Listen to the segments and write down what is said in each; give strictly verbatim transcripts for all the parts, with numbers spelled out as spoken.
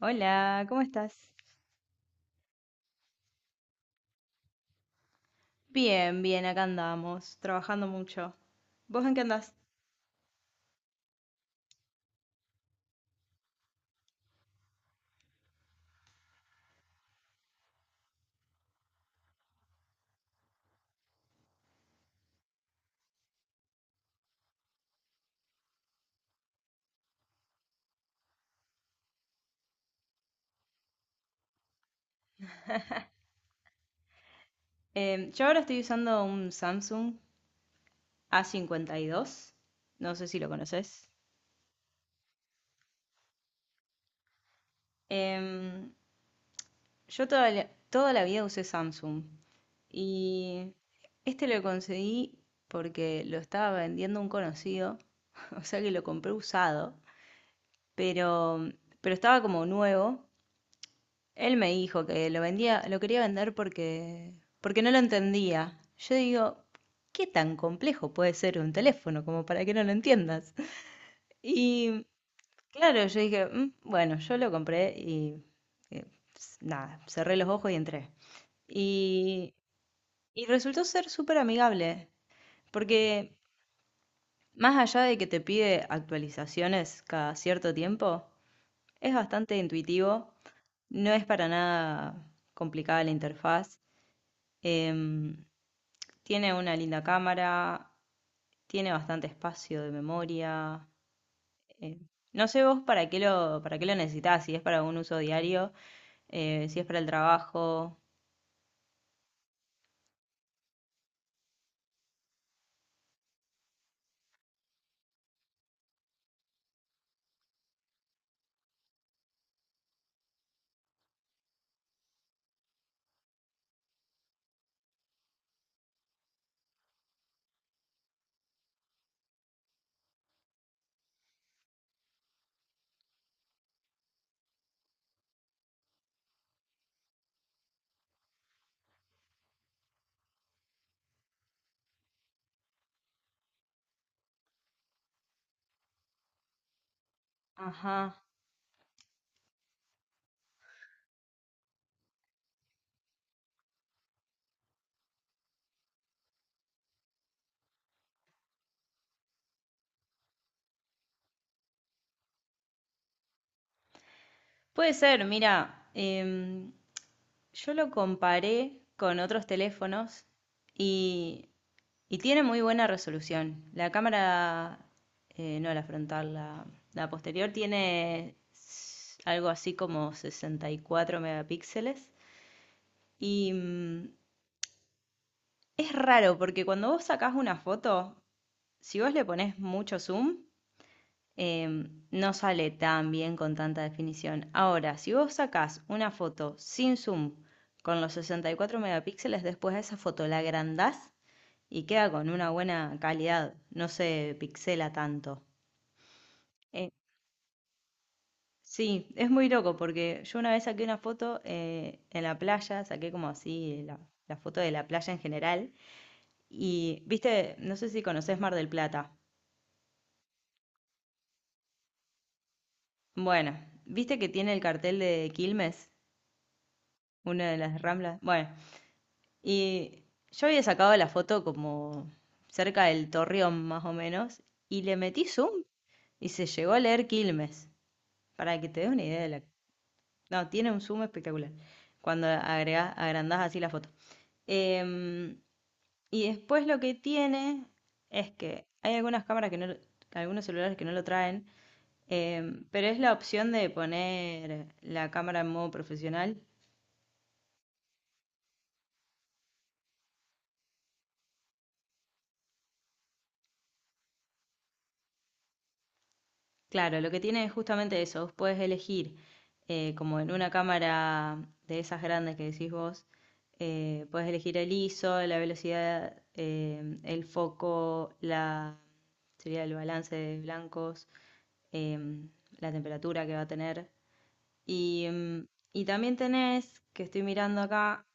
Hola, ¿cómo estás? Bien, bien, acá andamos, trabajando mucho. ¿Vos en qué andás? Em, yo ahora estoy usando un Samsung A cincuenta y dos, no sé si lo conoces. Em, yo toda la, toda la vida usé Samsung y este lo conseguí porque lo estaba vendiendo un conocido, o sea que lo compré usado, pero, pero estaba como nuevo. Él me dijo que lo vendía, lo quería vender porque, porque no lo entendía. Yo digo, ¿qué tan complejo puede ser un teléfono como para que no lo entiendas? Y claro, yo dije, "Mm, bueno, yo lo compré y eh, s- nada, cerré los ojos y entré. Y, y resultó ser súper amigable, porque más allá de que te pide actualizaciones cada cierto tiempo, es bastante intuitivo, no es para nada complicada la interfaz. Em, Tiene una linda cámara, tiene bastante espacio de memoria. eh, no sé vos para qué lo, para qué lo necesitás, si es para un uso diario, eh, si es para el trabajo. Ajá. Puede ser, mira, em, yo lo comparé con otros teléfonos y, y tiene muy buena resolución. La cámara, eh, no la frontal, la, la posterior tiene s- algo así como sesenta y cuatro megapíxeles. Y mm, es raro porque cuando vos sacás una foto, si vos le ponés mucho zoom, em, no sale tan bien con tanta definición. Ahora, si vos sacás una foto sin zoom con los sesenta y cuatro megapíxeles, después a esa foto la agrandás y queda con una buena calidad, no se pixela tanto. Eh, sí, es muy loco porque yo una vez saqué una foto eh, en la playa, saqué como así la, la foto de la playa en general. Y, viste, no sé si conoces Mar del Plata. Bueno, viste que tiene el cartel de Quilmes, una de las ramblas. Bueno, y yo había sacado la foto como cerca del Torreón, más o menos, y le metí zoom y se llegó a leer Quilmes. Para que te des una idea de la. No, tiene un zoom espectacular cuando agregás, agrandás así la foto. Em, y después lo que tiene es que hay algunas cámaras que no, algunos celulares que no lo traen. Em, pero es la opción de poner la cámara en modo profesional. Claro, lo que tiene es justamente eso. Vos podés elegir, eh, como en una cámara de esas grandes que decís vos, eh, podés elegir el ISO, la velocidad, em, el foco, la, sería el balance de blancos, em, la temperatura que va a tener. Y, em, y también tenés, que estoy mirando acá,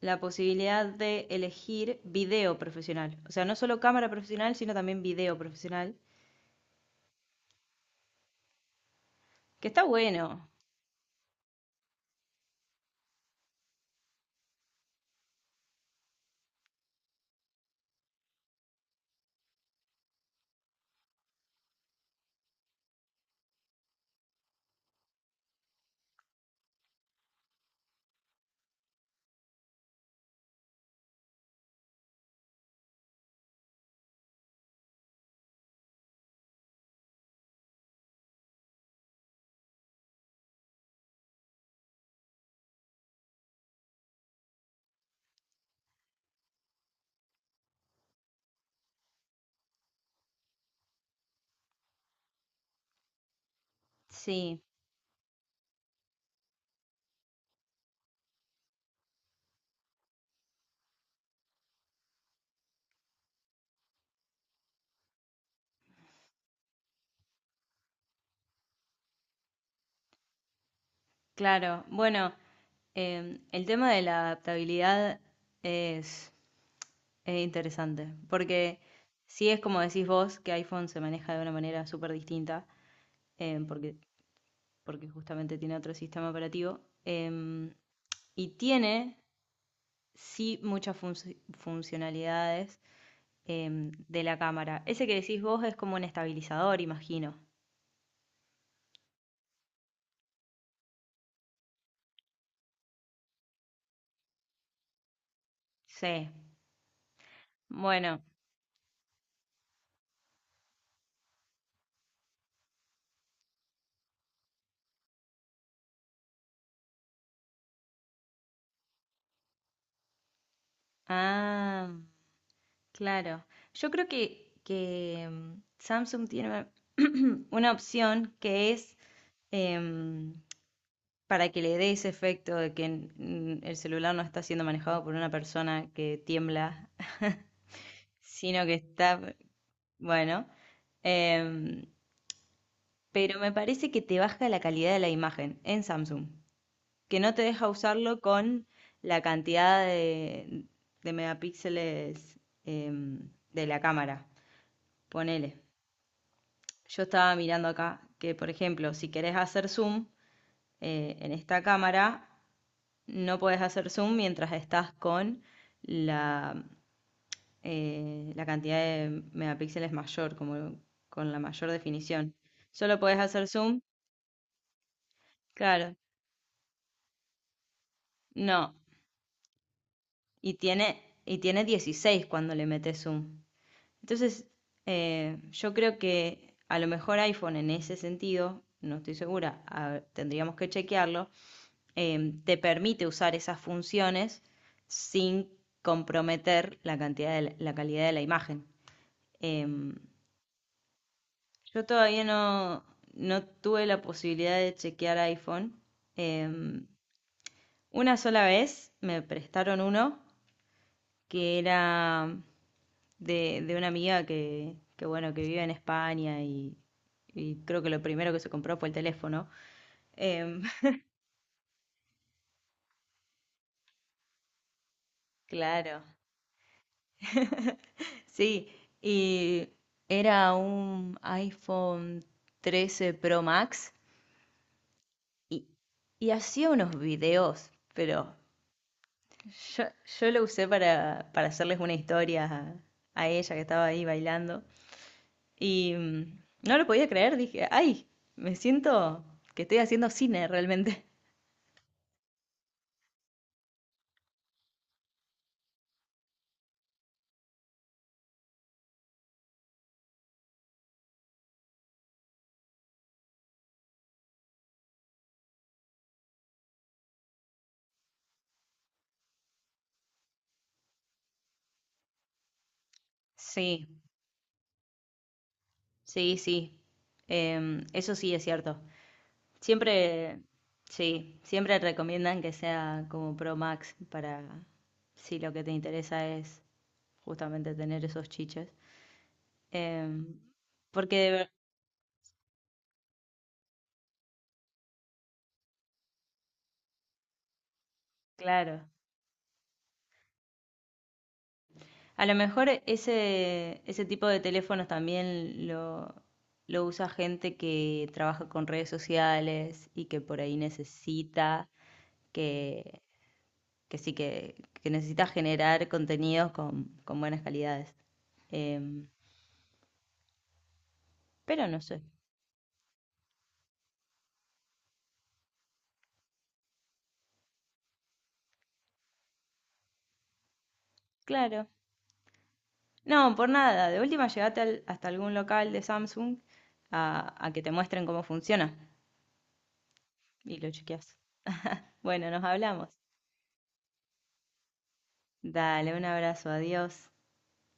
la posibilidad de elegir video profesional. O sea, no solo cámara profesional, sino también video profesional, que está bueno. Sí, claro. Bueno, eh, el tema de la adaptabilidad es, es interesante, porque sí es como decís vos, que iPhone se maneja de una manera súper distinta, eh, porque, porque justamente tiene otro sistema operativo, em, y tiene sí muchas funci- funcionalidades em, de la cámara. Ese que decís vos es como un estabilizador, imagino. Sí. Bueno. Ah, claro. Yo creo que, que em, Samsung tiene una opción que es em, para que le dé ese efecto de que mm, el celular no está siendo manejado por una persona que tiembla, sino que está, bueno. em, pero me parece que te baja la calidad de la imagen en Samsung, que no te deja usarlo con la cantidad de, de megapíxeles em, de la cámara. Ponele, yo estaba mirando acá que, por ejemplo, si querés hacer zoom eh, en esta cámara, no podés hacer zoom mientras estás con la, eh, la cantidad de megapíxeles mayor, como con la mayor definición. Solo podés hacer zoom, claro, no. Y tiene, y tiene dieciséis cuando le metes zoom. Entonces, eh, yo creo que a lo mejor iPhone en ese sentido, no estoy segura, a- tendríamos que chequearlo, eh, te permite usar esas funciones sin comprometer la cantidad de la, la calidad de la imagen. Em, yo todavía no, no tuve la posibilidad de chequear iPhone. Em, una sola vez me prestaron uno que era de, de una amiga que, que, bueno, que vive en España y, y creo que lo primero que se compró fue el teléfono. Em, claro, sí, y era un iPhone trece Pro Max y, y hacía unos videos, pero yo, yo lo usé para, para hacerles una historia a, a ella que estaba ahí bailando y mm, no lo podía creer, dije, ay, me siento que estoy haciendo cine realmente. Sí, sí, sí. Em, eso sí es cierto. Siempre, sí, siempre recomiendan que sea como Pro Max para si lo que te interesa es justamente tener esos chiches. Em, porque, de ver- claro, a lo mejor ese, ese tipo de teléfonos también lo, lo usa gente que trabaja con redes sociales y que por ahí necesita que que sí que, que necesitas generar contenidos con, con buenas calidades. Em, pero no sé, claro. No, por nada. De última, llegate al- hasta algún local de Samsung a, a que te muestren cómo funciona y lo chequeas. Bueno, nos hablamos. Dale, un abrazo, adiós.